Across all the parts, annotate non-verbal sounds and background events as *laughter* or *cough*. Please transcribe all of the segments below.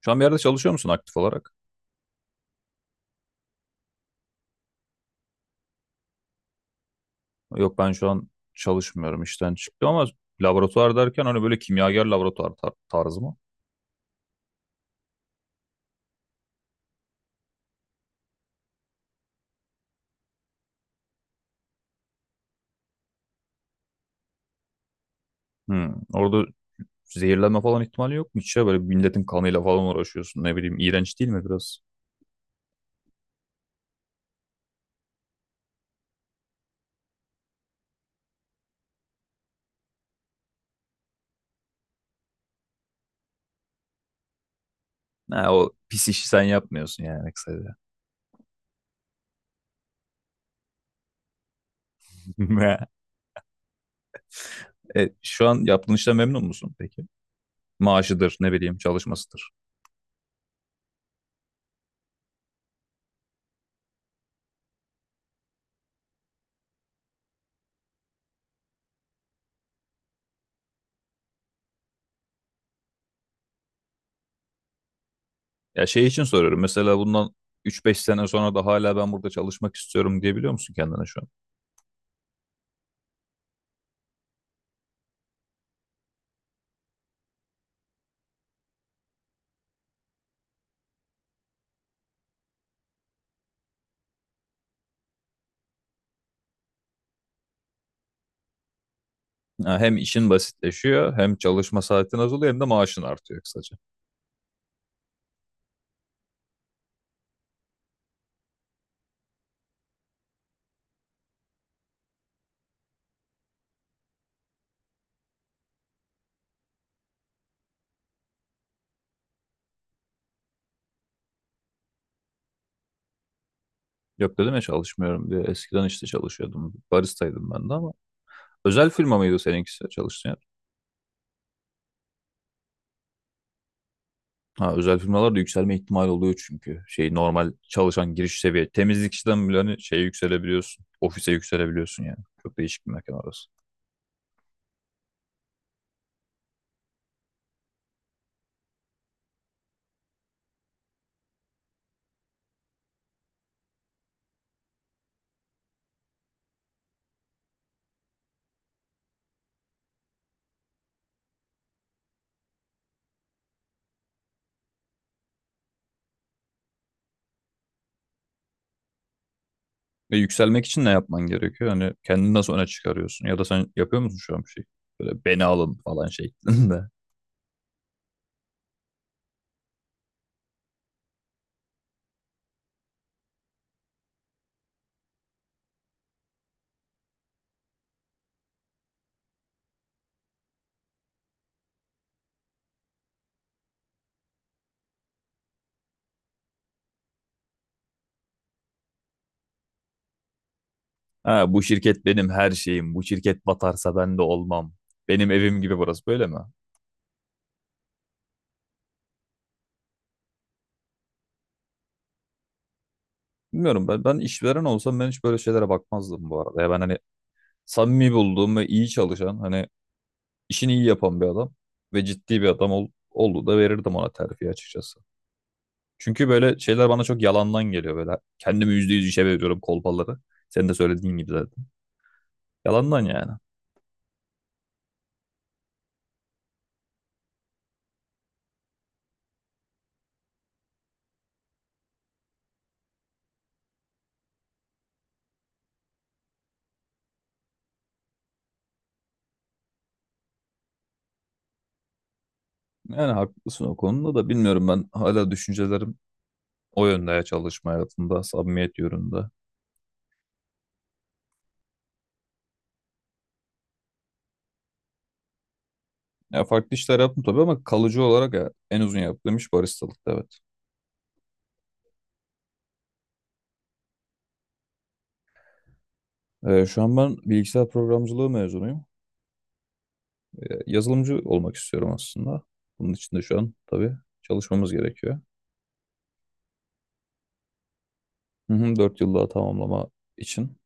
Şu an bir yerde çalışıyor musun aktif olarak? Yok ben şu an çalışmıyorum işten çıktım ama laboratuvar derken hani böyle kimyager laboratuvar tarzı mı? Hmm. Orada zehirlenme falan ihtimali yok mu hiç ya? Böyle milletin kanıyla falan uğraşıyorsun ne bileyim iğrenç değil mi biraz? Ha, o pis işi sen yapmıyorsun yani kısaca. *laughs* Şu an yaptığın işten memnun musun peki? Maaşıdır ne bileyim çalışmasıdır. Ya şey için soruyorum mesela bundan üç beş sene sonra da hala ben burada çalışmak istiyorum diyebiliyor musun kendine şu. Ha, hem işin basitleşiyor, hem çalışma saatin azalıyor, hem de maaşın artıyor kısaca. Yok dedim ya çalışmıyorum diye. Eskiden işte çalışıyordum. Baristaydım ben de ama. Özel firma mıydı seninkisi çalıştığın yer? Ha, özel firmalarda yükselme ihtimali oluyor çünkü. Şey normal çalışan giriş seviye. Temizlik işten bile hani şeye yükselebiliyorsun. Ofise yükselebiliyorsun yani. Çok değişik bir mekan orası. Ve yükselmek için ne yapman gerekiyor? Hani kendini nasıl öne çıkarıyorsun? Ya da sen yapıyor musun şu an bir şey? Böyle beni alın falan şeklinde. *laughs* Ha, bu şirket benim her şeyim. Bu şirket batarsa ben de olmam. Benim evim gibi burası böyle mi? Bilmiyorum ben, ben işveren olsam ben hiç böyle şeylere bakmazdım bu arada. Ya ben hani samimi bulduğum ve iyi çalışan hani işini iyi yapan bir adam ve ciddi bir adam olduğu da verirdim ona terfi açıkçası. Çünkü böyle şeyler bana çok yalandan geliyor böyle. Kendimi %100 işe veriyorum kolpaları. Senin de söylediğin gibi zaten. Yalandan yani. Yani haklısın o konuda da bilmiyorum ben hala düşüncelerim o yönde ya çalışma hayatında, samimiyet yönünde. Ya farklı işler yaptım tabii ama kalıcı olarak ya en uzun yaptığım iş baristalıktı evet. Şu an ben bilgisayar programcılığı mezunuyum. Yazılımcı olmak istiyorum aslında. Bunun için de şu an tabii çalışmamız gerekiyor. Hı hı, 4 yıl daha tamamlama için.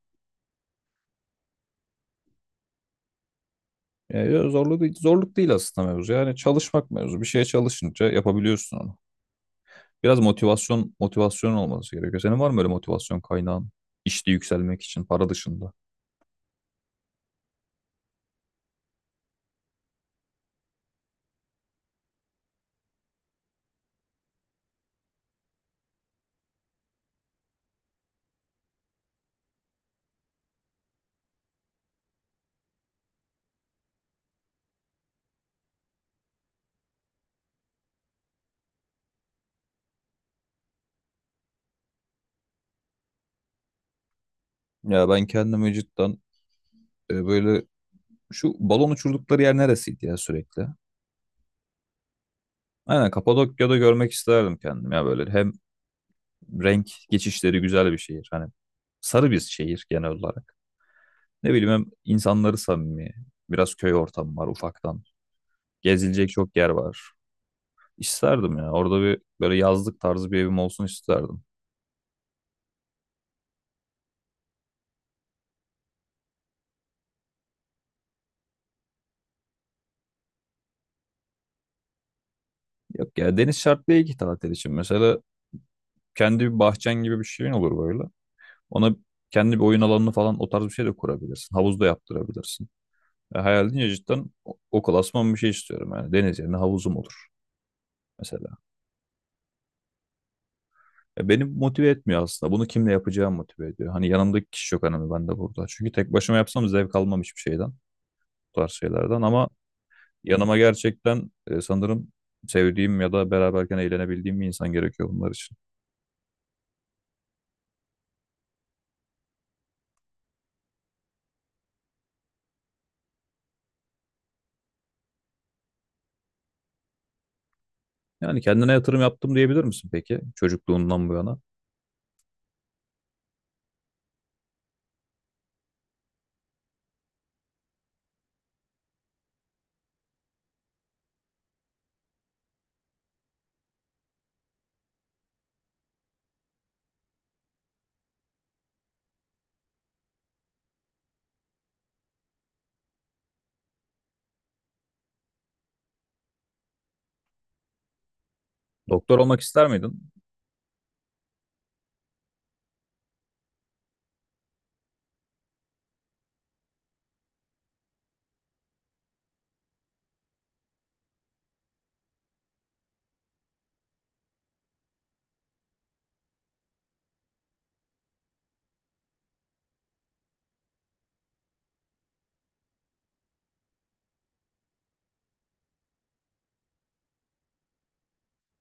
Ya zorluk değil, zorluk değil aslında mevzu. Yani çalışmak mevzu. Bir şeye çalışınca yapabiliyorsun onu. Biraz motivasyon olması gerekiyor. Senin var mı böyle motivasyon kaynağın işte yükselmek için para dışında? Ya ben kendimi cidden böyle. Şu balon uçurdukları yer neresiydi ya sürekli? Aynen Kapadokya'da görmek isterdim kendim ya böyle. Hem renk geçişleri güzel bir şehir. Hani sarı bir şehir genel olarak. Ne bileyim hem insanları samimi. Biraz köy ortamı var ufaktan. Gezilecek çok yer var. İsterdim ya. Orada bir böyle yazlık tarzı bir evim olsun isterdim. Yok ya deniz şart değil ki tatil için. Mesela kendi bir bahçen gibi bir şeyin olur böyle. Ona kendi bir oyun alanını falan o tarz bir şey de kurabilirsin. Havuz da yaptırabilirsin. Ya hayal edince cidden o klasman bir şey istiyorum yani. Deniz yerine havuzum olur mesela. Ya beni motive etmiyor aslında. Bunu kimle yapacağım motive ediyor. Hani yanımdaki kişi yok önemli ben de burada. Çünkü tek başıma yapsam zevk almam hiçbir şeyden. Bu tarz şeylerden ama yanıma gerçekten sanırım sevdiğim ya da beraberken eğlenebildiğim bir insan gerekiyor bunlar için. Yani kendine yatırım yaptım diyebilir misin peki çocukluğundan bu yana? Doktor olmak ister miydin?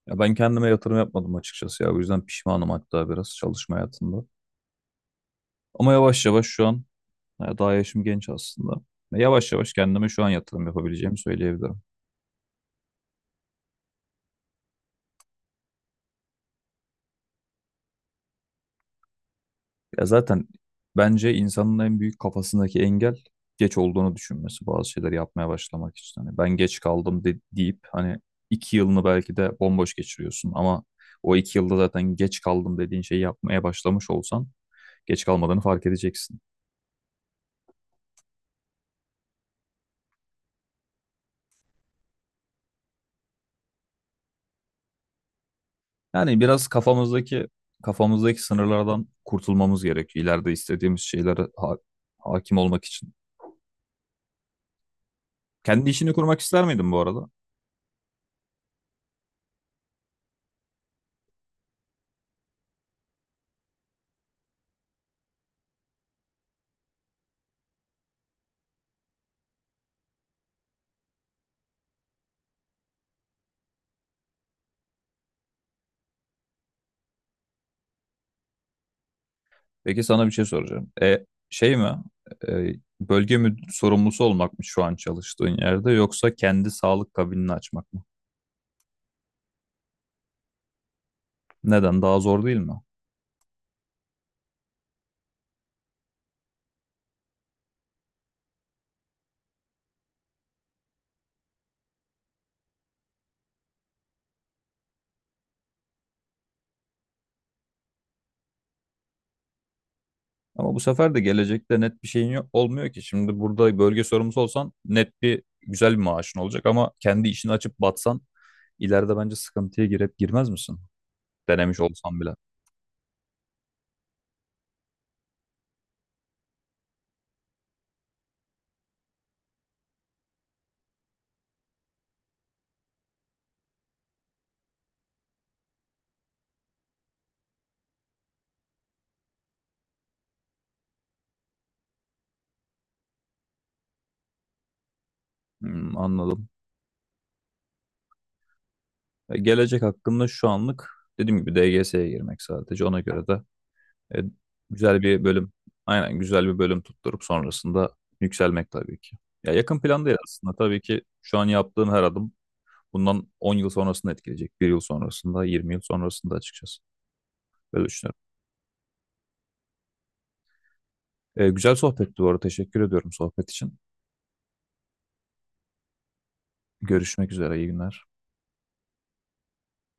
Ya ben kendime yatırım yapmadım açıkçası ya. O yüzden pişmanım hatta biraz çalışma hayatında. Ama yavaş yavaş şu an. Ya, daha yaşım genç aslında. Ya, yavaş yavaş kendime şu an yatırım yapabileceğimi söyleyebilirim. Ya zaten bence insanın en büyük kafasındaki engel geç olduğunu düşünmesi bazı şeyler yapmaya başlamak için. Hani ben geç kaldım deyip hani 2 yılını belki de bomboş geçiriyorsun ama o 2 yılda zaten geç kaldım dediğin şeyi yapmaya başlamış olsan geç kalmadığını fark edeceksin. Yani biraz kafamızdaki sınırlardan kurtulmamız gerekiyor. İleride istediğimiz şeylere hakim olmak için. Kendi işini kurmak ister miydin bu arada? Peki sana bir şey soracağım. Şey mi? E, Bölge müdür sorumlusu olmak mı şu an çalıştığın yerde yoksa kendi sağlık kabinini açmak mı? Neden? Daha zor değil mi? Ama bu sefer de gelecekte net bir şeyin yok, olmuyor ki. Şimdi burada bölge sorumlusu olsan net bir güzel bir maaşın olacak ama kendi işini açıp batsan ileride bence sıkıntıya girip girmez misin? Denemiş olsan bile. Hmm, anladım. Gelecek hakkında şu anlık dediğim gibi DGS'ye girmek sadece ona göre de E, güzel bir bölüm. Aynen güzel bir bölüm tutturup sonrasında yükselmek tabii ki. Ya yakın plan değil aslında. Tabii ki şu an yaptığın her adım bundan 10 yıl sonrasını etkileyecek. Bir yıl sonrasında, 20 yıl sonrasında açıkçası. Böyle düşünüyorum. Güzel sohbetti bu arada. Teşekkür ediyorum sohbet için. Görüşmek üzere. İyi günler.